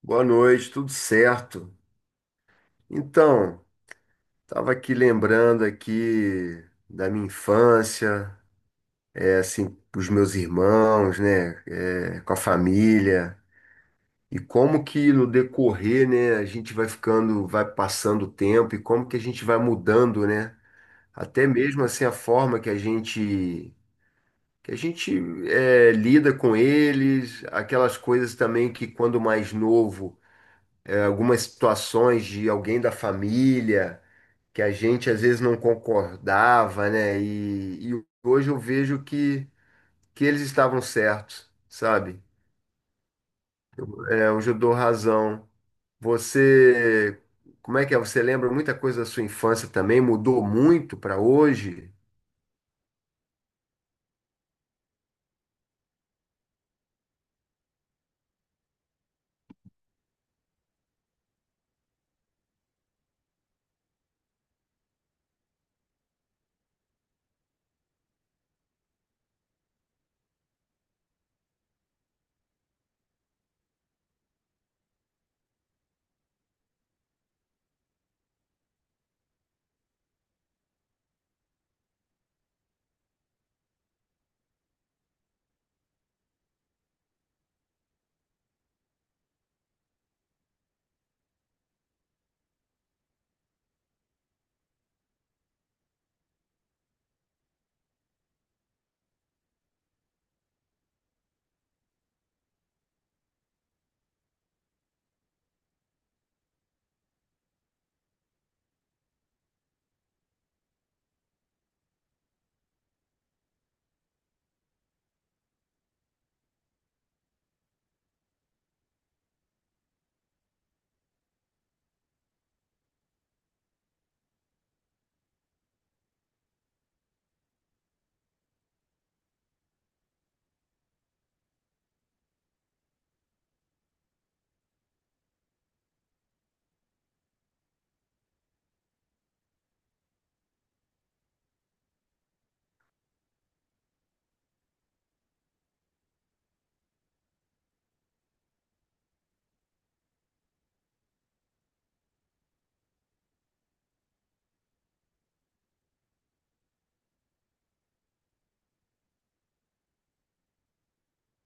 Boa noite, tudo certo? Então, estava aqui lembrando aqui da minha infância, assim, os meus irmãos, né, com a família e como que no decorrer, né, a gente vai ficando, vai passando o tempo e como que a gente vai mudando, né? Até mesmo assim a forma que a gente lida com eles, aquelas coisas também que quando mais novo, algumas situações de alguém da família que a gente às vezes não concordava, né? E hoje eu vejo que eles estavam certos, sabe? É, hoje eu dou razão. Você, como é que é? Você lembra muita coisa da sua infância também? Mudou muito para hoje?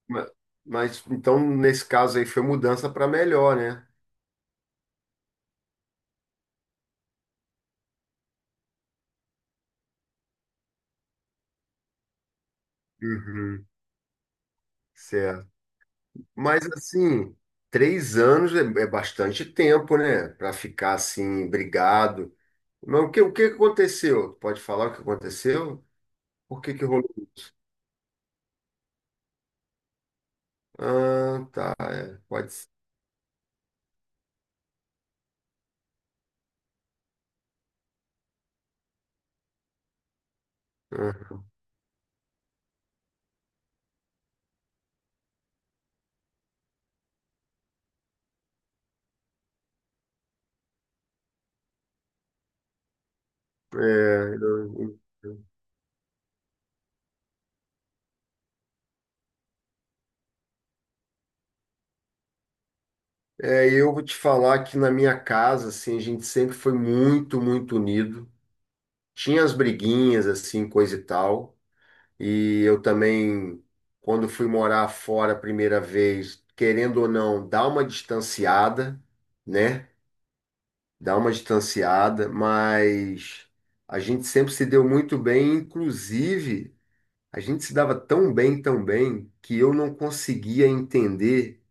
Ma- Mas então, nesse caso aí, foi mudança para melhor, né? Uhum, certo. Mas assim, três anos é bastante tempo, né? Para ficar assim, brigado. Mas o que aconteceu? Pode falar o que aconteceu? Por que que rolou isso? Ah, tá. Pode ser. Ah, é, eu- É, eu vou te falar que na minha casa, assim, a gente sempre foi muito unido. Tinha as briguinhas, assim, coisa e tal. E eu também, quando fui morar fora a primeira vez, querendo ou não, dá uma distanciada, né? Dá uma distanciada, mas a gente sempre se deu muito bem, inclusive a gente se dava tão bem, que eu não conseguia entender.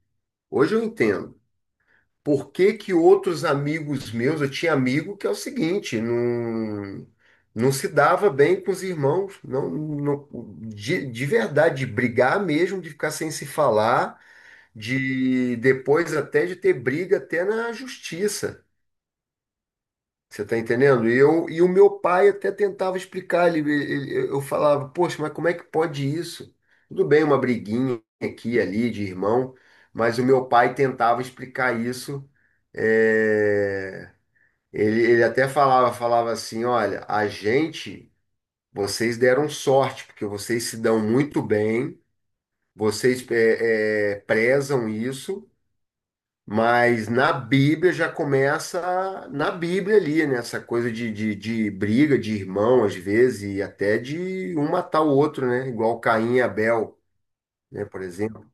Hoje eu entendo. Por que que outros amigos meus, eu tinha amigo que é o seguinte, não se dava bem com os irmãos, de verdade, de brigar mesmo, de ficar sem se falar, de depois até de ter briga até na justiça. Você está entendendo? E o meu pai até tentava explicar, eu falava, poxa, mas como é que pode isso? Tudo bem, uma briguinha aqui e ali de irmão, mas o meu pai tentava explicar isso. é, ele até falava assim, olha, a gente, vocês deram sorte, porque vocês se dão muito bem, vocês prezam isso, mas na Bíblia já começa na Bíblia ali, né? Essa coisa de briga de irmão, às vezes, e até de um matar o outro, né? Igual Caim e Abel, né? Por exemplo.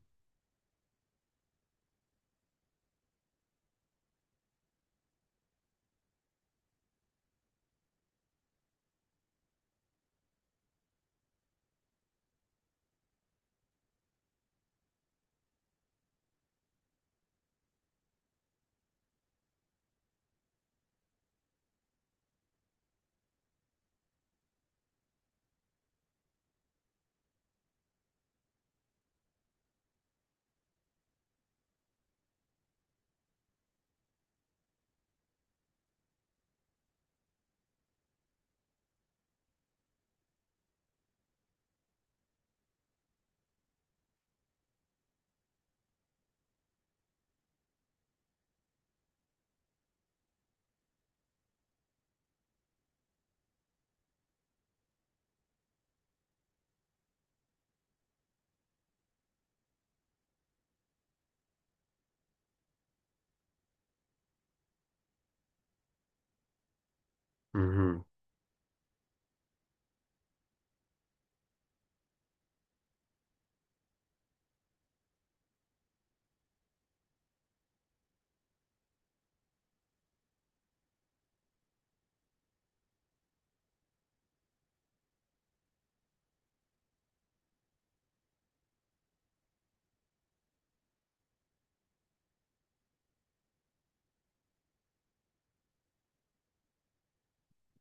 Uhum.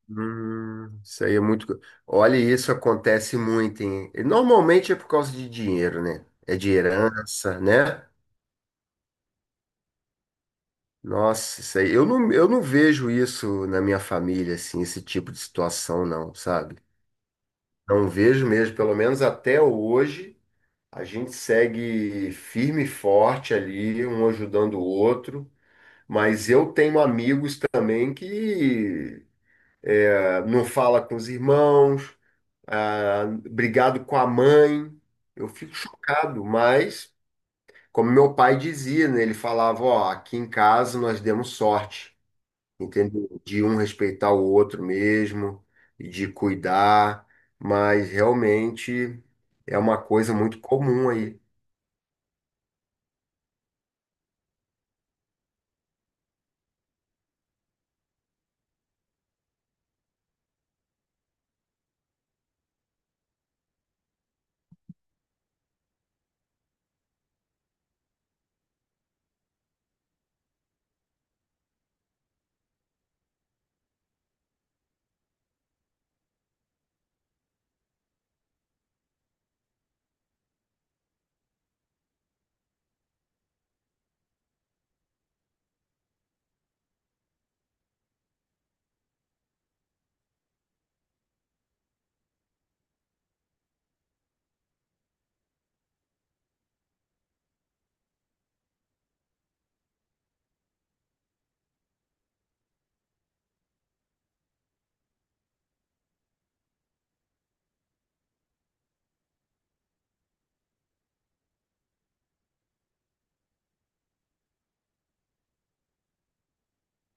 Isso aí é olha, isso acontece muito, hein? E normalmente é por causa de dinheiro, né? É de herança, né? Nossa, isso aí. Eu não vejo isso na minha família, assim, esse tipo de situação, não, sabe? Não vejo mesmo, pelo menos até hoje. A gente segue firme e forte ali, um ajudando o outro, mas eu tenho amigos também que ah, não fala com os irmãos, ah, brigado com a mãe. Eu fico chocado, mas como meu pai dizia, né, ele falava, ó, aqui em casa nós demos sorte, entendeu? De um respeitar o outro mesmo, de cuidar, mas realmente é uma coisa muito comum aí.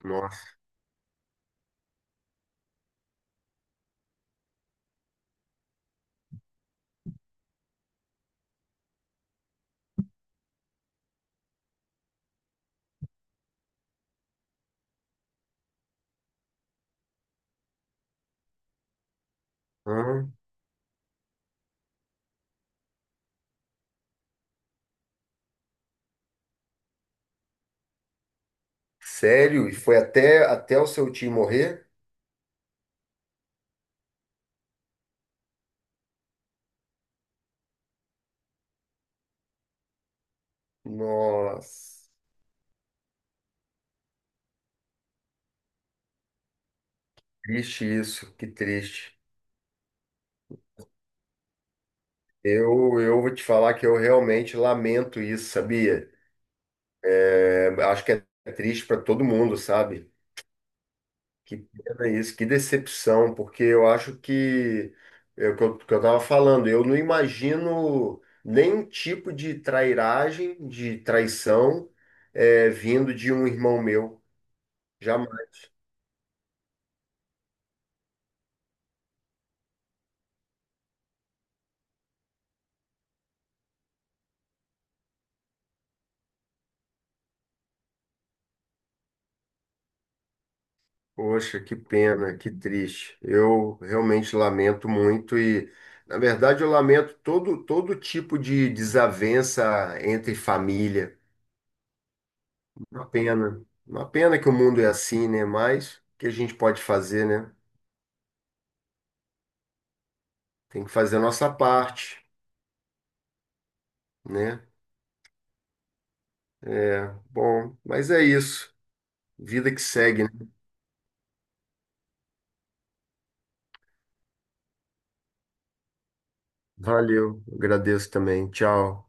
Nossa. Sério? E foi até o seu tio morrer? Nossa, triste isso, que triste. Eu vou te falar que eu realmente lamento isso, sabia? É, acho que é triste para todo mundo, sabe? Que pena isso, que decepção, porque eu acho que é o que que eu tava falando, eu não imagino nenhum tipo de trairagem, de traição, é, vindo de um irmão meu. Poxa, que pena, que triste. Eu realmente lamento muito e, na verdade, eu lamento todo tipo de desavença entre família. Uma pena. Uma pena que o mundo é assim, né? Mas o que a gente pode fazer, né? Tem que fazer a nossa parte, né? Bom, mas é isso. Vida que segue, né? Valeu, agradeço também. Tchau.